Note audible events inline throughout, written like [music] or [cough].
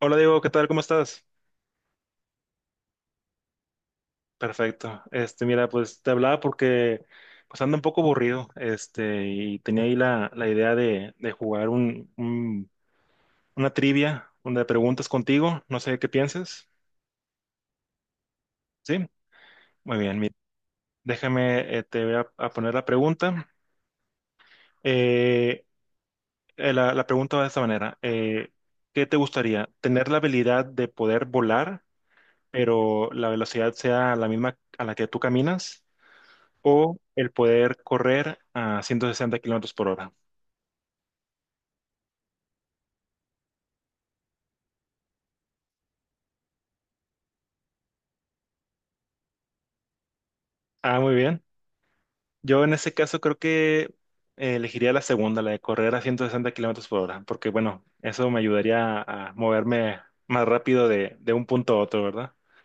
Hola Diego, ¿qué tal? ¿Cómo estás? Perfecto. Este, mira, pues te hablaba porque pues ando un poco aburrido, este, y tenía ahí la idea de jugar una trivia, una de preguntas contigo, no sé qué piensas. ¿Sí? Muy bien, mira, déjame, te voy a poner la pregunta. Eh, la pregunta va de esta manera. ¿Qué te gustaría? ¿Tener la habilidad de poder volar, pero la velocidad sea la misma a la que tú caminas, o el poder correr a 160 kilómetros por hora? Ah, muy bien. Yo en ese caso creo que elegiría la segunda, la de correr a 160 kilómetros por hora, porque bueno, eso me ayudaría a moverme más rápido de un punto a otro, ¿verdad? [laughs]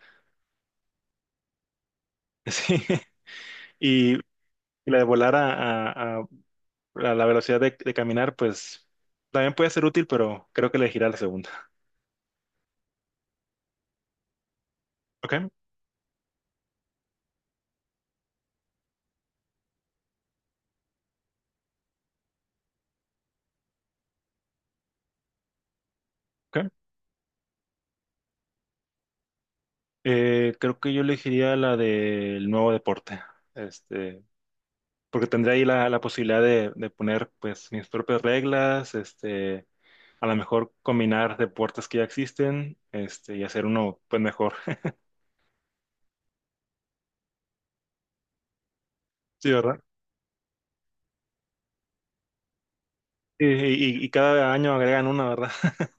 Sí. Y la de volar a- a- a la velocidad de caminar, pues también puede ser útil, pero creo que elegiría la segunda. ¿Ok? ¿Ok? Creo que yo elegiría la del nuevo deporte. Este, porque tendría ahí la posibilidad de poner pues mis propias reglas, este, a lo mejor combinar deportes que ya existen, este, y hacer uno pues mejor. [laughs] Sí, ¿verdad? Y, y cada año agregan una, ¿verdad? [laughs]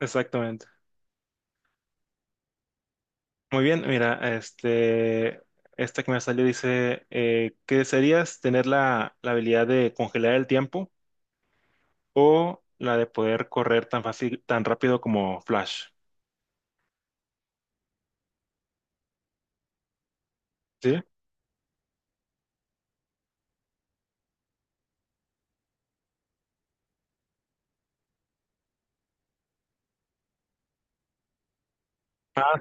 Exactamente. Muy bien, mira, este, esta que me salió dice, ¿qué desearías? ¿Tener la habilidad de congelar el tiempo o la de poder correr tan fácil, tan rápido como Flash? ¿Sí? Ah,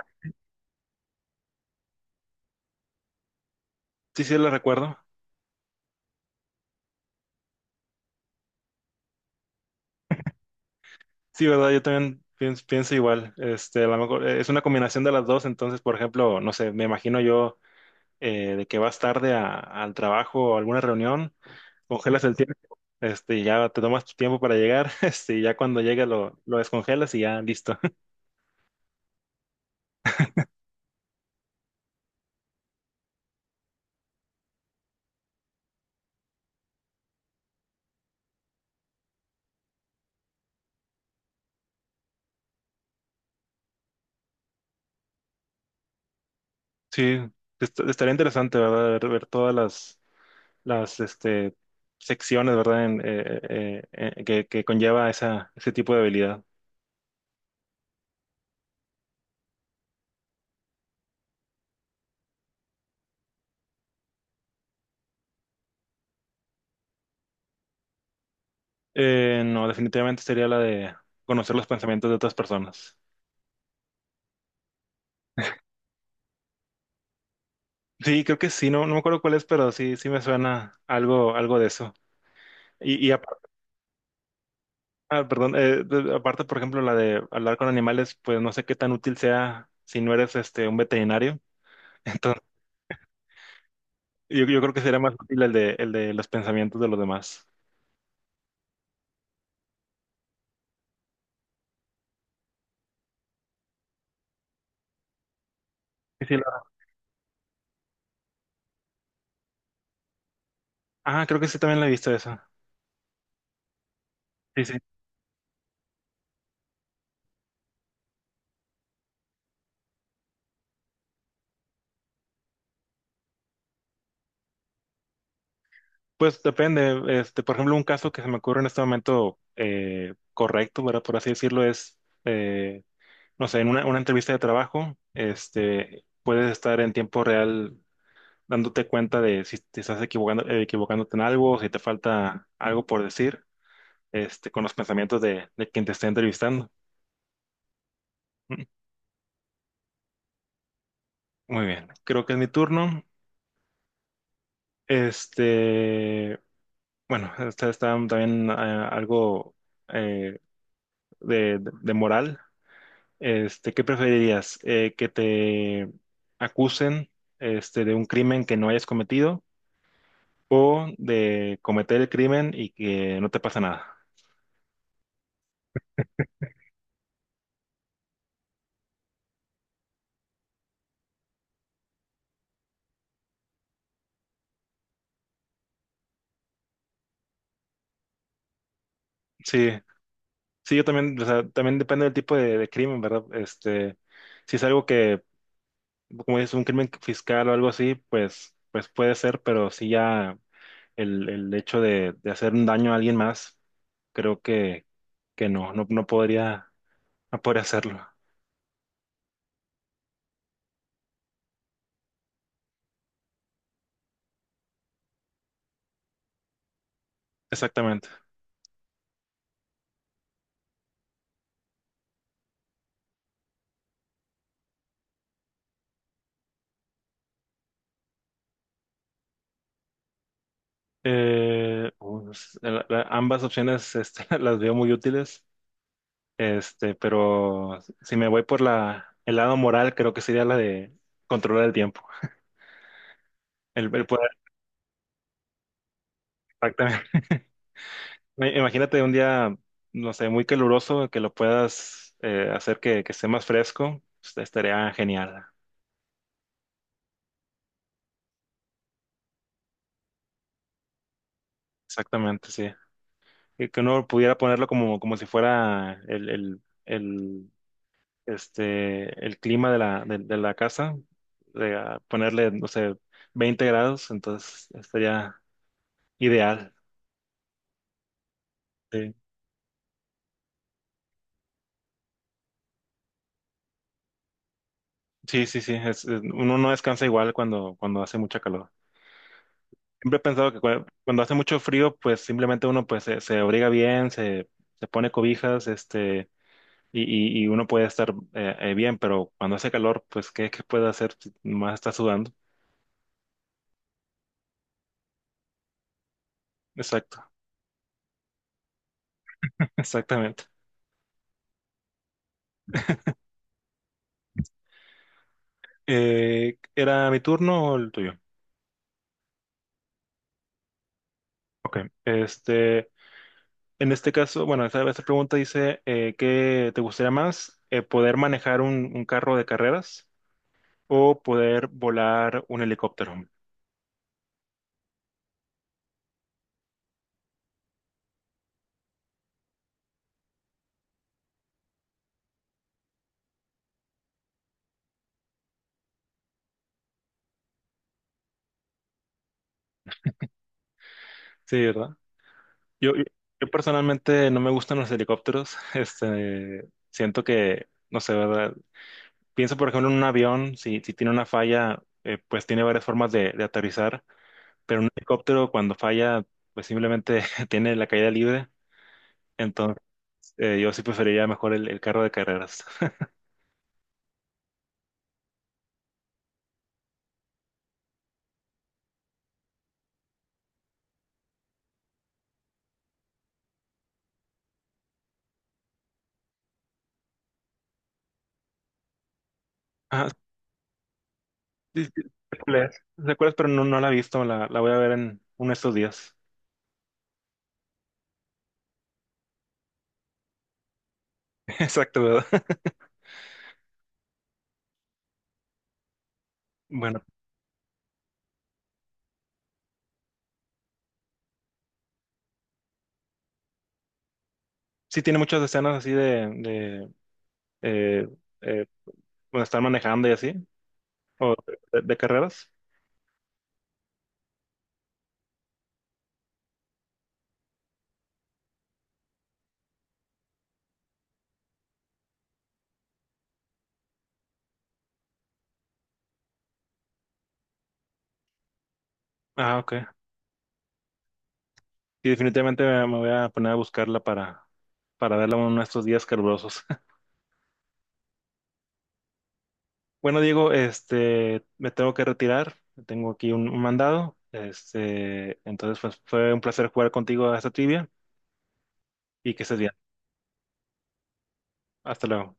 sí, sí, la recuerdo. Sí, ¿verdad? Yo también pienso igual. Este, a lo mejor es una combinación de las dos. Entonces, por ejemplo, no sé, me imagino yo de que vas tarde al trabajo o alguna reunión, congelas el tiempo, este, y ya te tomas tu tiempo para llegar, [laughs] este, y ya cuando llegue lo descongelas y ya listo. [laughs] Sí, estaría interesante, ¿verdad? Ver todas las secciones, ¿verdad? Que conlleva ese tipo de habilidad. No, definitivamente sería la de conocer los pensamientos de otras personas. Sí, creo que sí, no, no me acuerdo cuál es, pero sí, sí me suena algo, algo de eso. Y, perdón, aparte, por ejemplo, la de hablar con animales, pues no sé qué tan útil sea si no eres este un veterinario. [laughs] Entonces, yo creo que sería más útil el de los pensamientos de los demás. Sí, sí, ah, creo que sí también la he visto esa. Sí, sí. Pues depende, este, por ejemplo, un caso que se me ocurre en este momento correcto, ¿verdad? Por así decirlo, es eh, no sé, en una entrevista de trabajo, este, puedes estar en tiempo real dándote cuenta de si te estás equivocando, equivocándote en algo, si te falta algo por decir, este, con los pensamientos de quien te está entrevistando. Mm. Muy bien, creo que es mi turno. Este, bueno, esta está también algo eh, moral. Este, ¿qué preferirías? ¿Que te acusen este, de un crimen que no hayas cometido, o de cometer el crimen y que no te pasa nada? Sí, sí, yo también, o sea, también depende del tipo de crimen, ¿verdad? Este, si es algo que, como es un crimen fiscal o algo así, pues, pues puede ser, pero sí ya el hecho de hacer un daño a alguien más, creo que no, no podría, no podría hacerlo. Exactamente. Pues, ambas opciones, este, [laughs] las veo muy útiles, este, pero si me voy por el lado moral, creo que sería la de controlar el tiempo, el poder, exactamente. [laughs] Imagínate un día, no sé, muy caluroso, que lo puedas hacer que esté más fresco. Estaría genial. Exactamente, sí. Y que uno pudiera ponerlo como, como si fuera el clima de de la casa, de, ah, ponerle, no sé, 20 grados. Entonces estaría ideal. Sí, sí, sí, sí, uno no descansa igual cuando, cuando hace mucha calor. Siempre he pensado que cuando hace mucho frío, pues simplemente uno pues se abriga bien, se pone cobijas, este, y, y uno puede estar bien, pero cuando hace calor, pues ¿qué, qué puede hacer si más está sudando? Exacto, [laughs] exactamente. ¿Era mi turno o el tuyo? Ok, este, en este caso, bueno, esta pregunta dice, ¿qué te gustaría más? ¿Poder manejar un carro de carreras o poder volar un helicóptero? Sí, ¿verdad? Yo personalmente no me gustan los helicópteros. [laughs] Este, siento que, no sé, ¿verdad? Pienso, por ejemplo, en un avión, si, si tiene una falla, pues tiene varias formas de aterrizar, pero un helicóptero cuando falla, pues simplemente [laughs] tiene la caída libre. Entonces, yo sí preferiría mejor el carro de carreras. [laughs] Ah, sí, sí, sé cuál es, pero no, no la he visto, la voy a ver en uno de estos días. [laughs] Exacto, ¿verdad? Bueno, sí tiene muchas escenas así de eh, eh, bueno, estar manejando y así. ¿O de carreras? Ah, ok. Y definitivamente me voy a poner a buscarla para verla uno de estos días calurosos. [laughs] Bueno, Diego, este, me tengo que retirar. Tengo aquí un mandado. Este, entonces, pues fue un placer jugar contigo a esta trivia y que estés bien. Hasta luego.